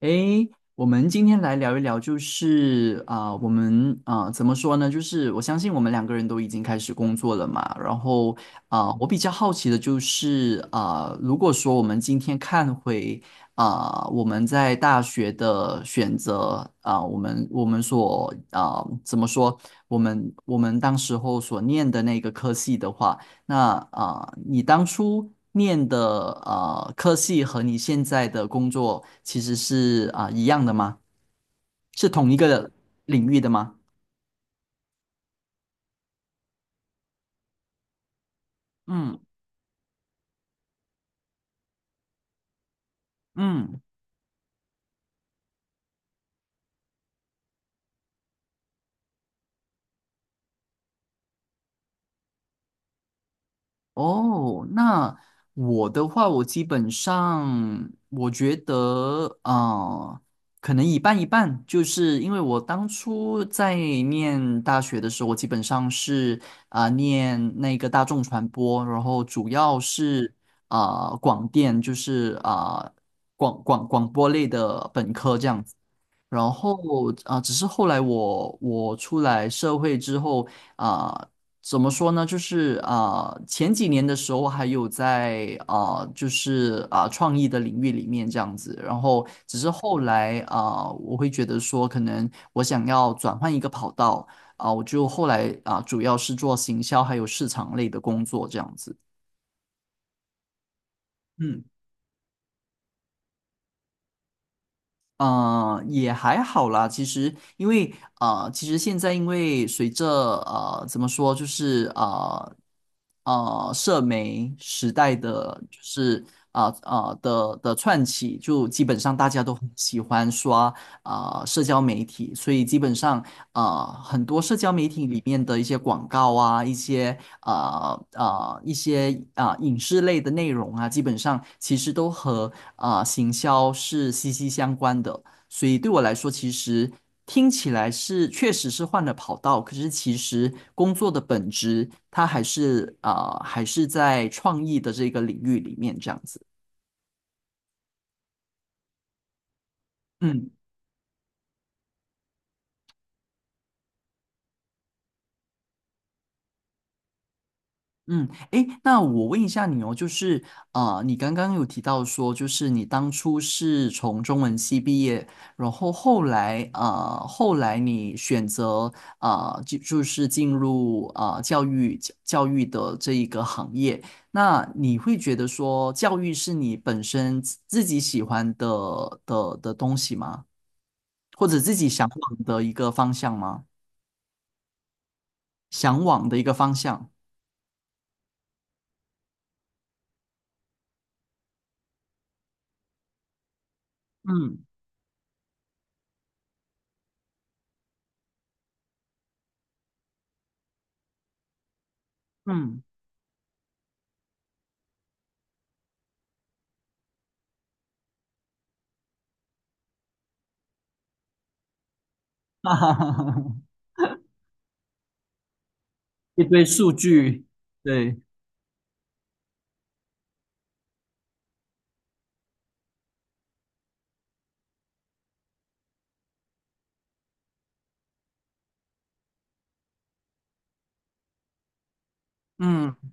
诶，我们今天来聊一聊，就是我们怎么说呢？就是我相信我们两个人都已经开始工作了嘛。然后我比较好奇的就是如果说我们今天看回我们在大学的选择我们怎么说？我们当时候所念的那个科系的话。那你当初念的科系和你现在的工作其实是一样的吗？是同一个领域的吗？嗯嗯。哦，那我的话，我基本上我觉得，可能一半一半，就是因为我当初在念大学的时候，我基本上是念那个大众传播，然后主要是广电，就是广播类的本科这样子。然后只是后来我出来社会之后啊、怎么说呢？就是前几年的时候还有在就是创意的领域里面这样子。然后只是后来我会觉得说，可能我想要转换一个跑道我就后来主要是做行销还有市场类的工作这样子。嗯。嗯，也还好啦。其实，因为其实现在因为随着怎么说，就是呃，社媒时代的，就是的串起，就基本上大家都很喜欢刷社交媒体，所以基本上很多社交媒体里面的一些广告啊，一些影视类的内容啊，基本上其实都和行销是息息相关的。所以对我来说，其实听起来是确实是换了跑道，可是其实工作的本质，它还是在创意的这个领域里面这样子。嗯。嗯，诶，那我问一下你哦，就是你刚刚有提到说，就是你当初是从中文系毕业，然后后来啊、呃后来你选择就是进入教育的这一个行业，那你会觉得说，教育是你本身自己喜欢的东西吗？或者自己向往的一个方向吗？向往的一个方向。嗯嗯，哈哈哈哈。一堆数据，对，嗯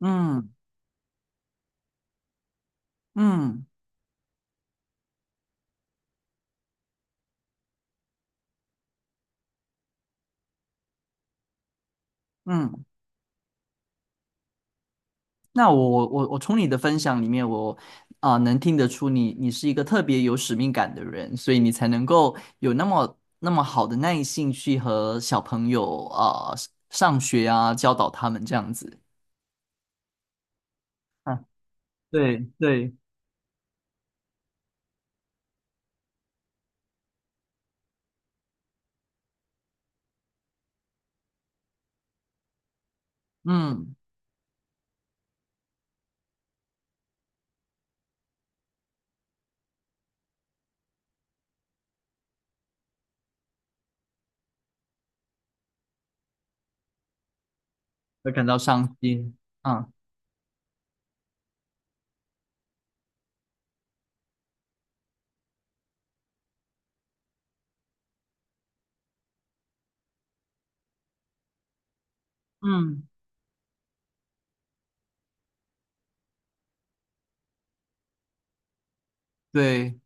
嗯嗯嗯，那我从你的分享里面，我能听得出你是一个特别有使命感的人，所以你才能够有那么那么好的耐性去和小朋友啊、上学啊，教导他们这样子。啊，对对，嗯，而感到伤心。啊，嗯，对，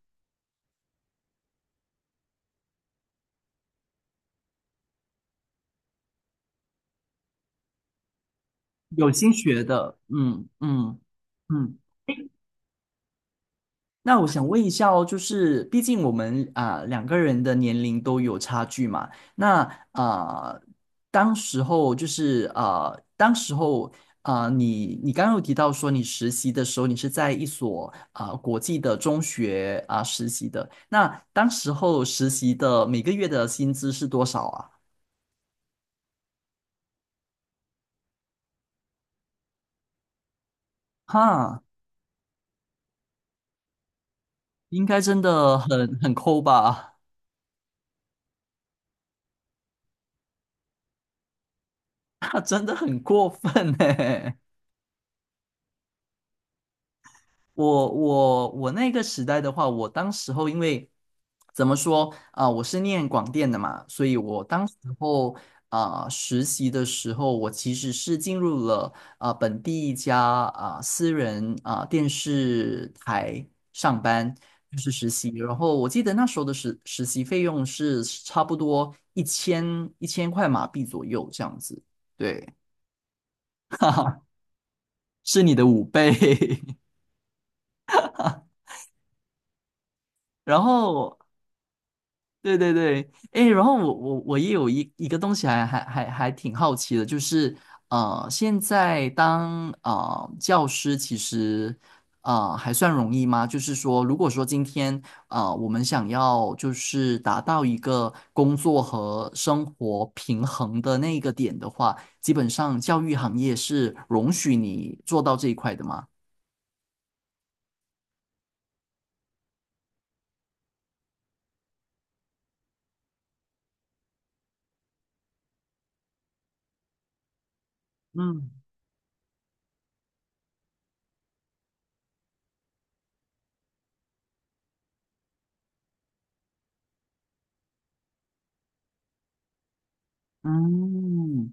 有心学的，嗯嗯嗯。那我想问一下哦，就是毕竟我们两个人的年龄都有差距嘛，那啊、当时候就是当时候啊、你刚刚有提到说你实习的时候，你是在一所国际的中学实习的，那当时候实习的每个月的薪资是多少啊？哈，应该真的很抠吧？啊，真的很过分呢。我那个时代的话，我当时候因为怎么说我是念广电的嘛，所以我当时候实习的时候，我其实是进入了本地一家私人电视台上班，就是实习。然后我记得那时候的实习费用是差不多一千块马币左右这样子，对，是你的五倍。然后对对对，哎，然后我也有一个东西还挺好奇的，就是啊，现在当教师其实还算容易吗？就是说，如果说今天我们想要就是达到一个工作和生活平衡的那个点的话，基本上教育行业是容许你做到这一块的吗？嗯嗯，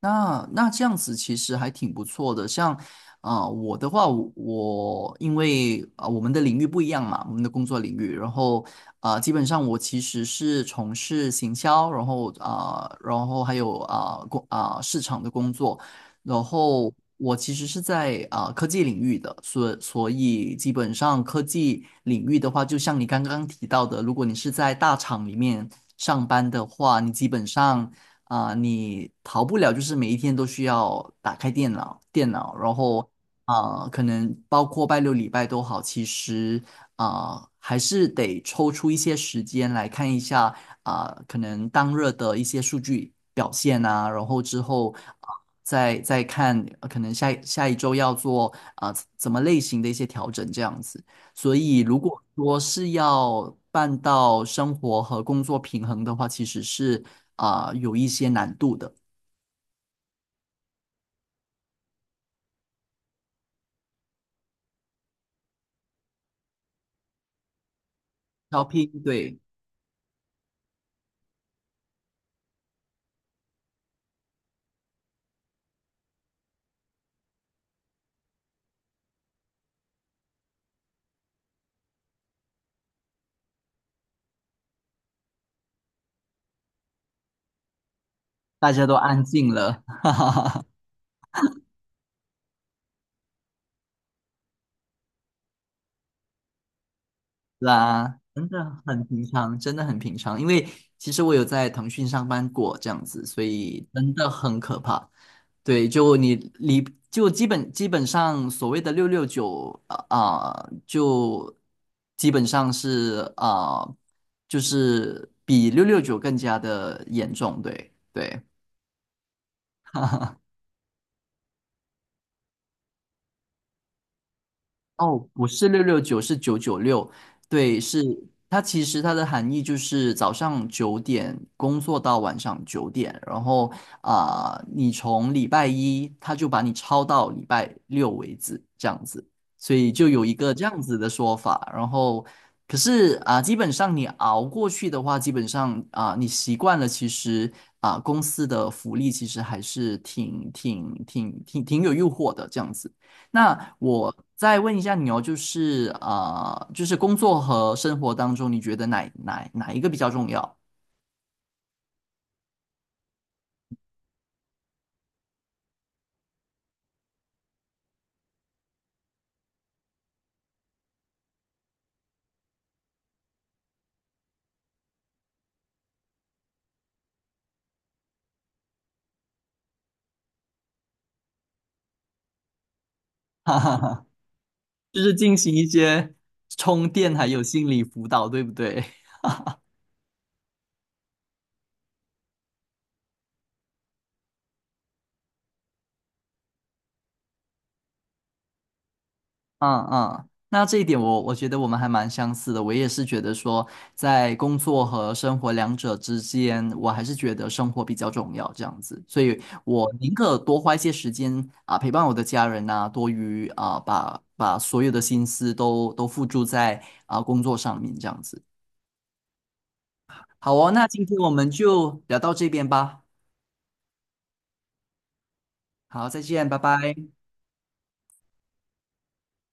那这样子其实还挺不错的，像我的话，我因为我们的领域不一样嘛，我们的工作领域，然后基本上我其实是从事行销，然后然后还有啊、呃工啊、市场的工作，然后我其实是在科技领域的，所以基本上科技领域的话，就像你刚刚提到的，如果你是在大厂里面上班的话，你基本上。你逃不了，就是每一天都需要打开电脑，电脑，然后可能包括拜六礼拜都好，其实还是得抽出一些时间来看一下可能当日的一些数据表现呐，然后之后啊、再看，可能下一周要做怎么类型的一些调整这样子。所以，如果说是要办到生活和工作平衡的话，其实是有一些难度的。招聘，对，大家都安静了啦，真的很平常，真的很平常。因为其实我有在腾讯上班过这样子，所以真的很可怕。对，就你离就基本上所谓的六六九就基本上就是比六六九更加的严重。对对，哦，不是六六九，是996。对，是它其实它的含义就是早上九点工作到晚上九点，然后你从礼拜一他就把你超到礼拜六为止，这样子，所以就有一个这样子的说法。然后，可是基本上你熬过去的话，基本上你习惯了，其实公司的福利其实还是挺有诱惑的，这样子。那我再问一下你哦，就是工作和生活当中，你觉得哪一个比较重要？哈哈哈，就是进行一些充电还有心理辅导，对不对？嗯嗯，那这一点我觉得我们还蛮相似的。我也是觉得说，在工作和生活两者之间，我还是觉得生活比较重要这样子。所以我宁可多花一些时间啊，陪伴我的家人呐、多于把所有的心思都付诸在工作上面这样子。好哦，那今天我们就聊到这边吧。好，再见，拜拜。